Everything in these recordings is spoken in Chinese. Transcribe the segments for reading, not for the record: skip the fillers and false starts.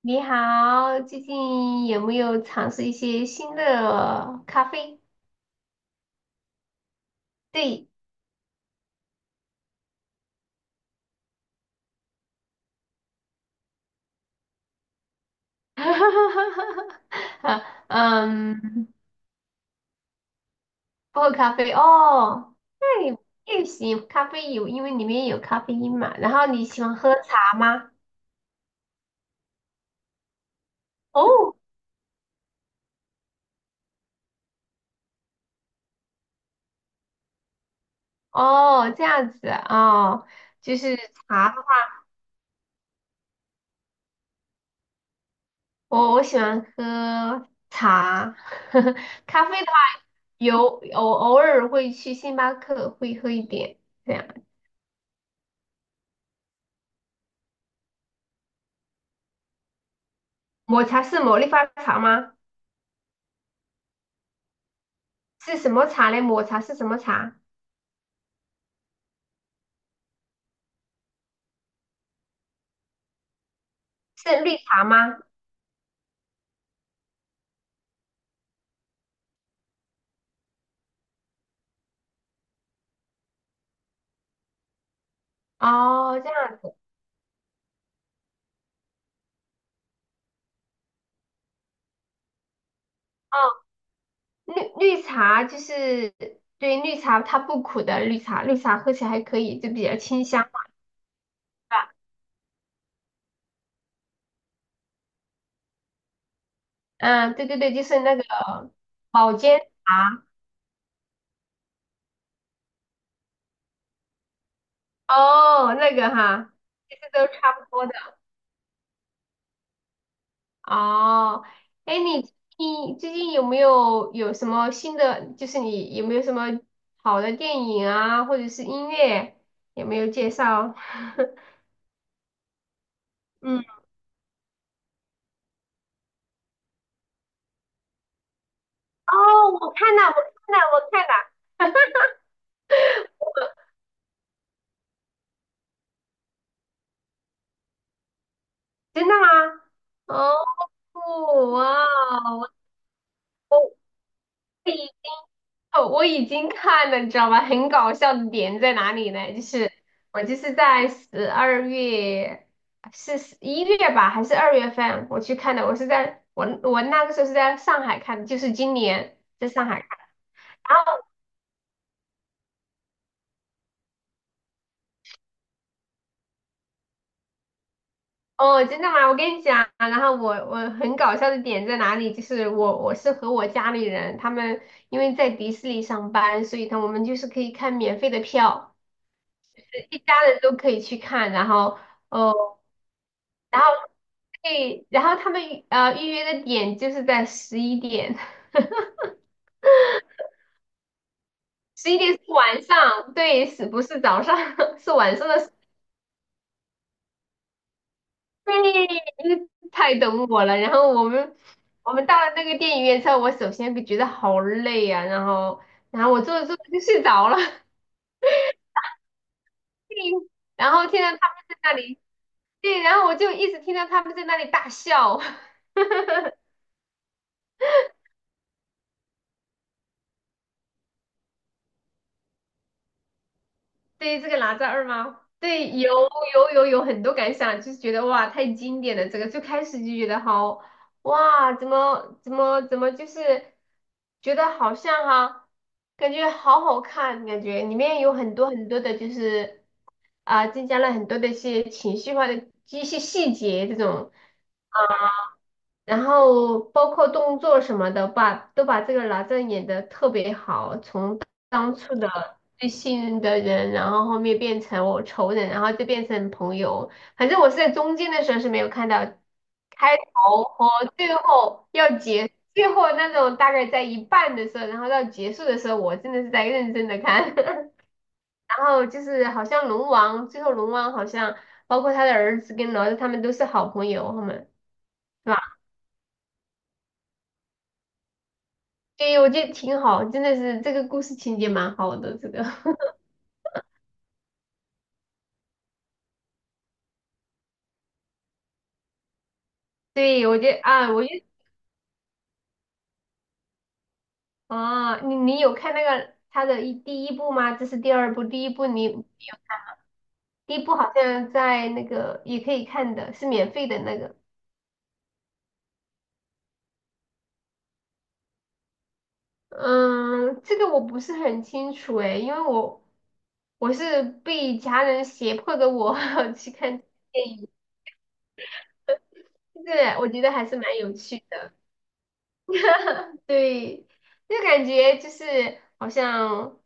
你好，最近有没有尝试一些新的咖啡？对，啊，嗯，不喝咖啡哦，那你也行，咖啡有，因为里面有咖啡因嘛。然后你喜欢喝茶吗？哦，哦，这样子啊，就是茶，我喜欢喝茶，咖啡的话有，我偶尔会去星巴克会喝一点。这样。抹茶是茉莉花茶吗？是什么茶嘞？抹茶是什么茶？是绿茶吗？哦，这样哦，绿茶就是对绿茶它不苦的，绿茶喝起来还可以，就比较清香，是吧？嗯，对对对，就是那个保健茶哦，那个哈，其实都差不多的。哦，哎，你最近有没有什么新的？就是你有没有什么好的电影啊，或者是音乐，有没有介绍？嗯，哦，我看了，我看了，我看了，真的吗？哦，哇哦，我可以哦，我已经看了，你知道吗？很搞笑的点在哪里呢？就是我就是在12月，是1月吧，还是2月份我去看的？我是在我那个时候是在上海看的，就是今年在上海看。然后哦，真的吗？我跟你讲，然后我很搞笑的点在哪里？就是我是和我家里人，他们因为在迪士尼上班，所以他我们就是可以看免费的票，一家人都可以去看，然后。哦。然后对，然后他们预约的点就是在十一点，十一点是晚上，对，是不是早上？是晚上的十对，太懂我了。然后我们到了那个电影院之后，我首先就觉得好累啊，然后我坐着坐着就睡着了，对，然后听到他们在那里，对，然后我就一直听到他们在那里大笑。对于这个哪吒2吗？对，有很多感想，就是觉得哇，太经典了。这个最开始就觉得好哇，怎么，就是觉得好像哈、感觉好好看，感觉里面有很多很多的，就是啊、增加了很多的一些情绪化的一些细节这种。然后包括动作什么的，把都把这个哪吒演得特别好，从当初的最信任的人，然后后面变成我仇人，然后就变成朋友。反正我是在中间的时候是没有看到开头和最后要结，最后那种大概在一半的时候，然后到结束的时候，我真的是在认真的看。然后就是好像龙王，最后龙王好像包括他的儿子跟哪吒他们都是好朋友，他们。对吧对，我觉得挺好，真的是这个故事情节蛮好的。这个，对，我觉得啊，你有看那个他的第一部吗？这是第二部，第一部你第一部好像在那个也可以看的，是免费的那个。嗯，这个我不是很清楚诶，因为我是被家人胁迫的我 去看电影，就是我觉得还是蛮有趣的。对，就感觉就是好像。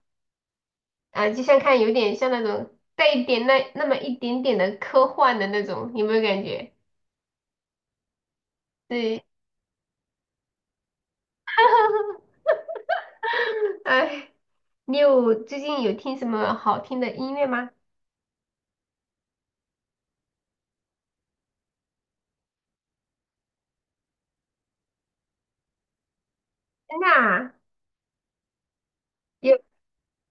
啊，就像看有点像那种带一点那么一点点的科幻的那种，有没有感觉？对，哎，你有最近有听什么好听的音乐吗？真的啊，有，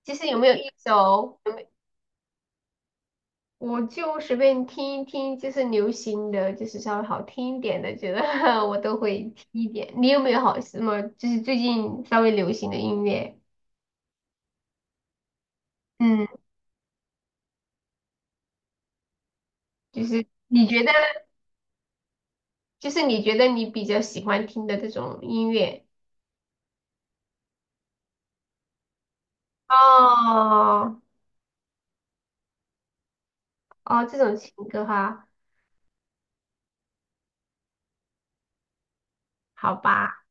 其实有没有一首，我就随便听一听，就是流行的，就是稍微好听一点的，觉得 我都会听一点。你有没有好什么，就是最近稍微流行的音乐？嗯，就是你觉得，就是你觉得，你比较喜欢听的这种音乐？哦哦，这种情歌哈，好吧。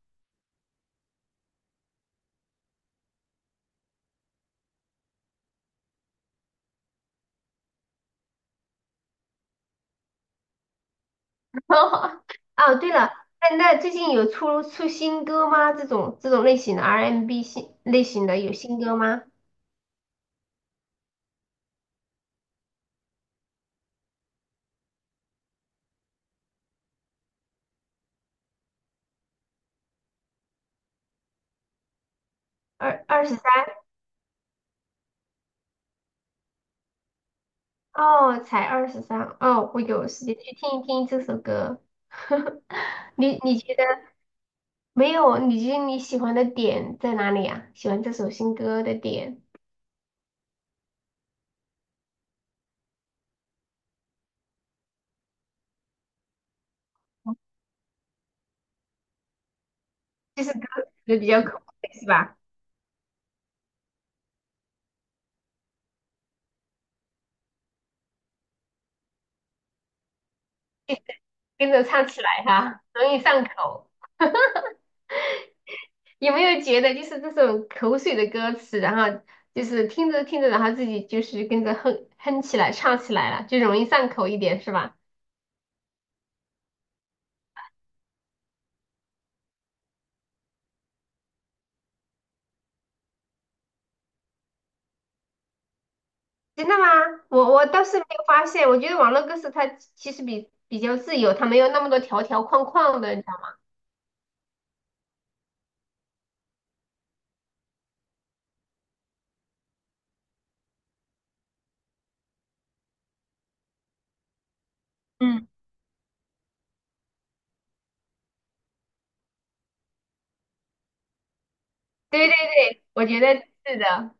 哦，对了，那最近有出新歌吗？这种类型的 R&B 新类型的有新歌吗？二十三哦，才二十三哦，我有时间去听一听这首歌。你觉得没有？你觉得你喜欢的点在哪里啊？喜欢这首新歌的点，就是歌词比较口味是吧？跟着唱起来哈，容易上口。有没有觉得就是这种口水的歌词，然后就是听着听着，然后自己就是跟着哼哼起来、唱起来了，就容易上口一点，是吧？真的吗？我倒是没有发现，我觉得网络歌词它其实比较自由，它没有那么多条条框框的，你知道吗？嗯，对对对，我觉得是的，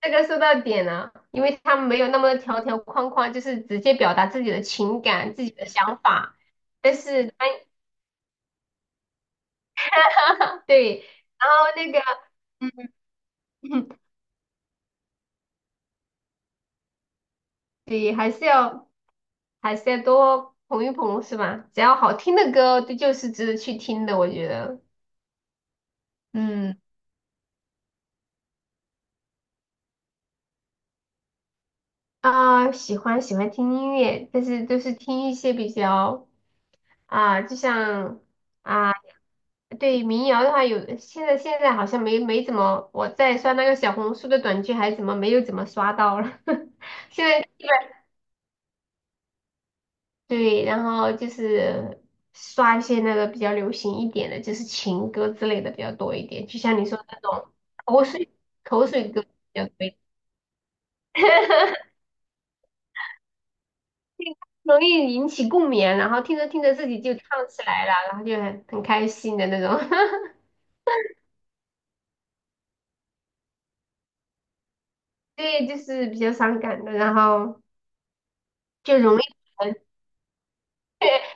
这个说到点了，因为他们没有那么多条条框框，就是直接表达自己的情感、自己的想法，但是他 对，然后那个。嗯 对，还是要多捧一捧，是吧？只要好听的歌，这就是值得去听的，我觉得。嗯，啊，喜欢听音乐，但是都是听一些比较啊，就像啊，对民谣的话有，现在好像没怎么，我在刷那个小红书的短剧，还怎么没有怎么刷到了？现在对，然后就是刷一些那个比较流行一点的，就是情歌之类的比较多一点，就像你说的那种口水口水歌比较多一点容易引起共鸣啊，然后听着听着自己就唱起来了，然后就很开心的那种，对，就是比较伤感的，然后就容易。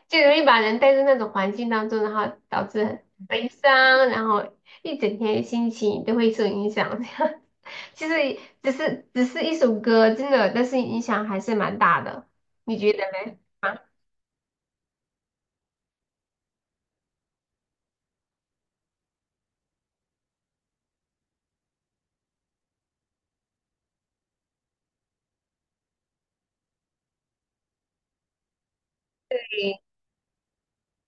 就容易把人带入那种环境当中，然后导致很悲伤，然后一整天心情都会受影响。这样，其实只是一首歌，真的，但是影响还是蛮大的，你觉得呢？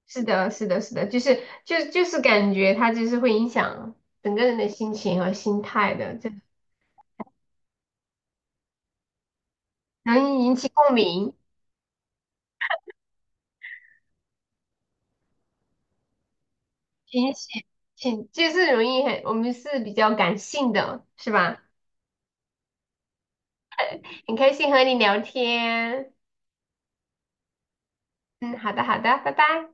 是的，是的，是的，就是感觉它就是会影响整个人的心情和心态的，就容易引起共鸣，引起挺就是容易很，我们是比较感性的，是吧？很开心和你聊天，嗯，好的，好的，拜拜。